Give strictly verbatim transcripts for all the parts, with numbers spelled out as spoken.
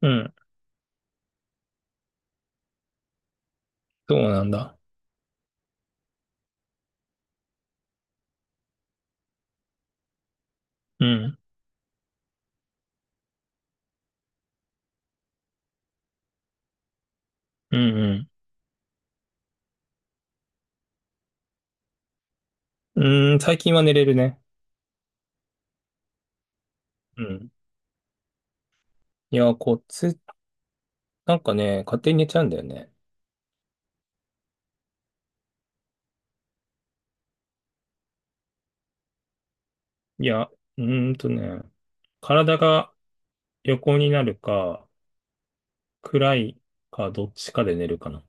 うん。そうなんだ。うん。うんうん。うーん、最近は寝れるね。うん。いや、こっち、なんかね、勝手に寝ちゃうんだよね。いや、うーんとね、体が横になるか、暗いか、どっちかで寝るかな。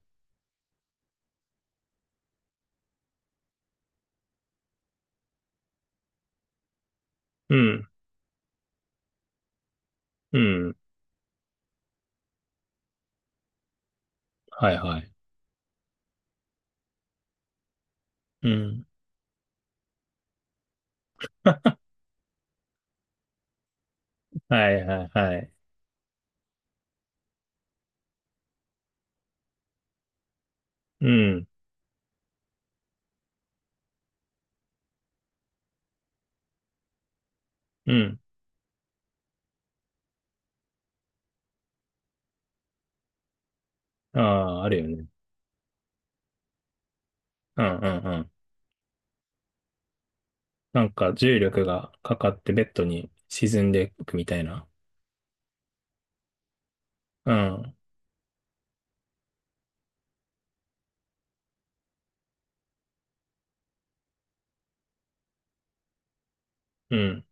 うん。うん。はいはい。うん。はいはいはい。うん。うん。ああ、あるよね。うんうんうん。なんか重力がかかってベッドに沈んでいくみたいな。うん。うん。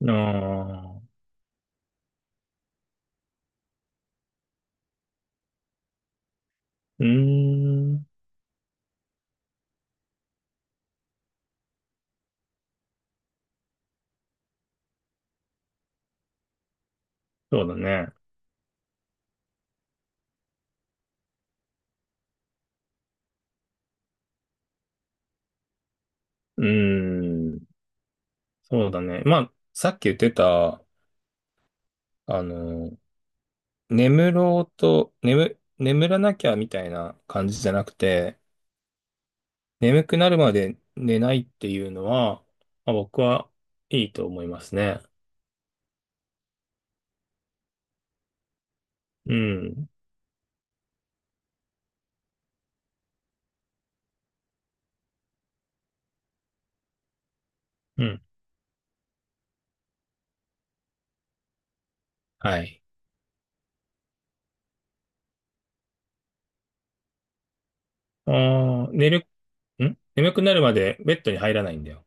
ああ。うーん、そうだね。うーん、そうだね。まあ、さっき言ってた、あの、眠ろうと、眠、眠らなきゃみたいな感じじゃなくて、眠くなるまで寝ないっていうのは、まあ、僕はいいと思いますね。うん、うん、はい。ああ、寝る、ん眠くなるまでベッドに入らないんだよ。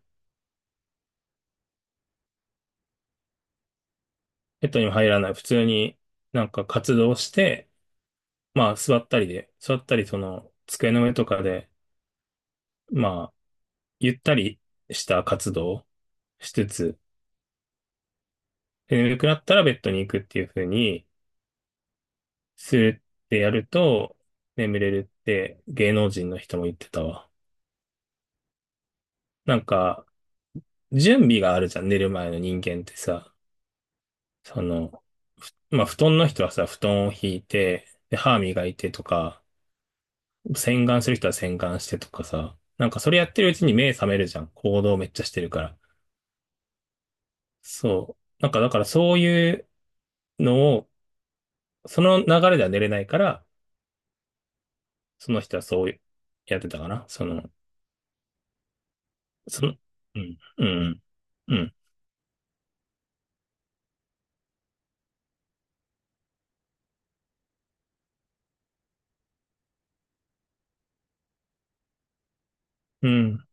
ベッドにも入らない。普通になんか活動して、まあ座ったりで、座ったりその机の上とかで、まあ、ゆったりした活動をしつつ、で眠くなったらベッドに行くっていう風にするってやると、眠れるって芸能人の人も言ってたわ。なんか、準備があるじゃん、寝る前の人間ってさ。その、まあ、布団の人はさ、布団を敷いて、で、歯磨いてとか、洗顔する人は洗顔してとかさ。なんかそれやってるうちに目覚めるじゃん。行動めっちゃしてるから。そう。なんかだからそういうのをその流れでは寝れないから、その人はそうやってたかな。その、その、うん、うん、うん、うん。うん。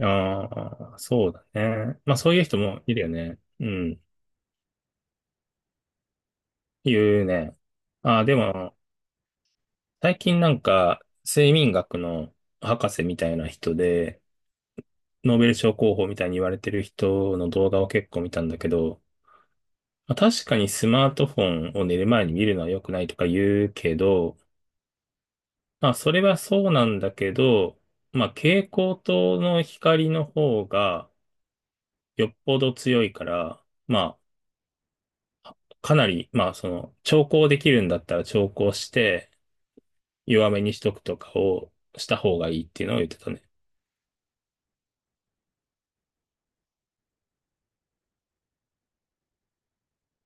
ああ、そうだね。まあそういう人もいるよね。うん、いうね。ああ、でも、最近なんか、睡眠学の博士みたいな人で、ノーベル賞候補みたいに言われてる人の動画を結構見たんだけど、まあ確かにスマートフォンを寝る前に見るのは良くないとか言うけど、まあ、それはそうなんだけど、まあ、蛍光灯の光の方がよっぽど強いから、まあ、かなり、まあ、その、調光できるんだったら調光して、弱めにしとくとかをした方がいいっていうのを言ってたね。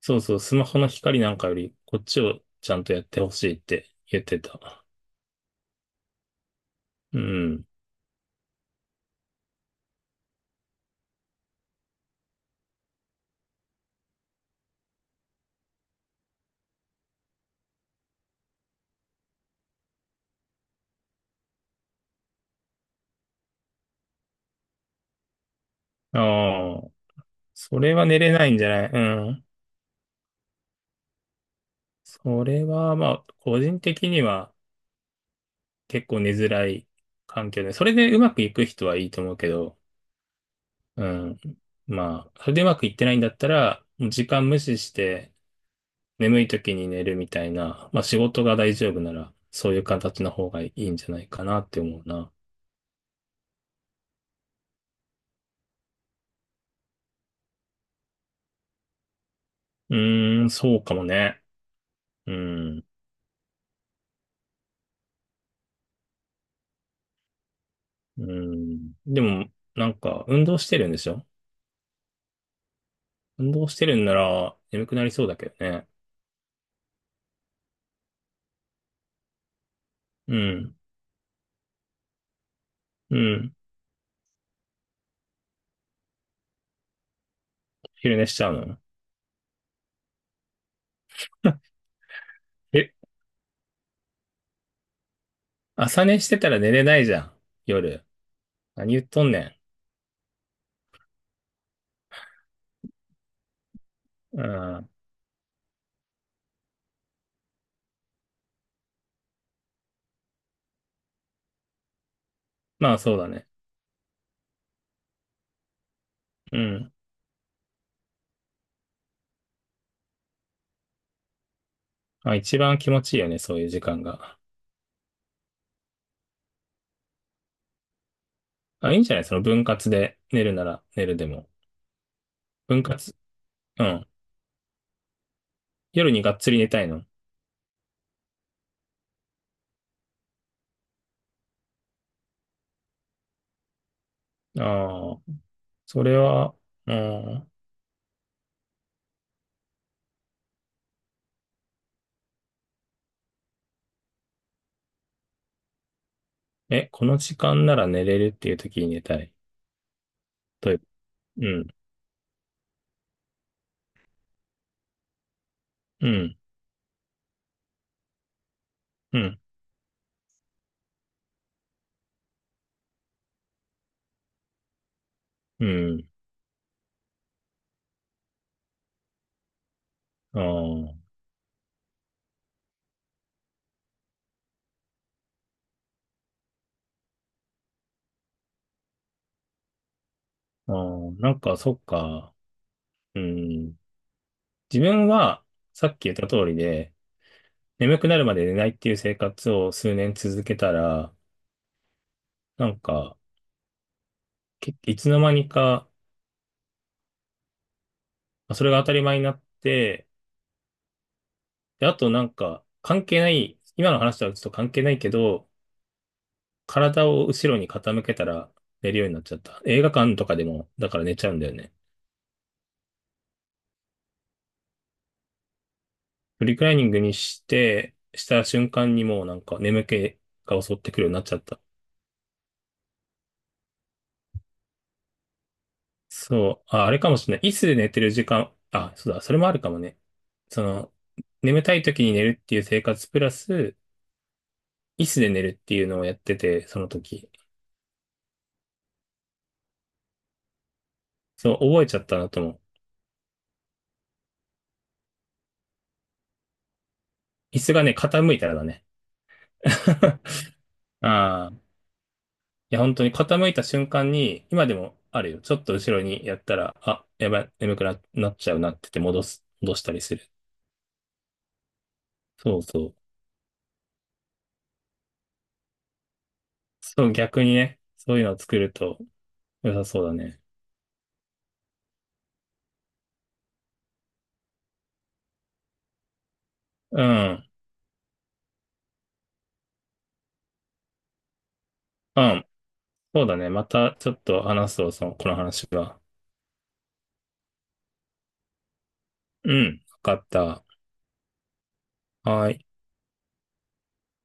そうそう、スマホの光なんかより、こっちをちゃんとやってほしいって言ってた。うん。ああ、それは寝れないんじゃない？うん。それは、まあ、個人的には、結構寝づらい環境で、それでうまくいく人はいいと思うけど、うん。まあ、それでうまくいってないんだったら、もう時間無視して眠い時に寝るみたいな、まあ仕事が大丈夫なら、そういう形の方がいいんじゃないかなって思うな。うーん、そうかもね。うん。うん。でも、なんか、運動してるんでしょ？運動してるんなら、眠くなりそうだけどね。うん。うん。昼寝しちゃうの？え、朝寝してたら寝れないじゃん。夜。何言っとんねん。うん。まあそうだね。うん。まあ、一番気持ちいいよね、そういう時間が。あ、いいんじゃない？その分割で寝るなら寝るでも。分割、うん。夜にがっつり寝たいの。ああ、それは、うん。え、この時間なら寝れるっていう時に寝たい。という、うん、うん、うん、うん。ああ、ああ。なんかそっか。うん。自分は、さっき言った通りで、眠くなるまで寝ないっていう生活を数年続けたら、なんか、けいつの間にか、まあそれが当たり前になって、で、あとなんか、関係ない、今の話とはちょっと関係ないけど、体を後ろに傾けたら寝るようになっちゃった。映画館とかでも、だから寝ちゃうんだよね。フリクライニングにして、した瞬間にもうなんか眠気が襲ってくるようになっちゃった。そう、あ、あれかもしれない。椅子で寝てる時間、あ、そうだ、それもあるかもね。その、眠たい時に寝るっていう生活プラス、椅子で寝るっていうのをやってて、その時。そう、覚えちゃったなと思う。椅子がね、傾いたらだね。ああ。いや、本当に傾いた瞬間に、今でもあるよ。ちょっと後ろにやったら、あ、やばい、眠くな、なっちゃうなって言って戻す、戻したりする。そうそう。そう、逆にね、そういうのを作ると良さそうだね。うん。うん。そうだね。またちょっと話そう、その、この話は。うん。わかった。はい。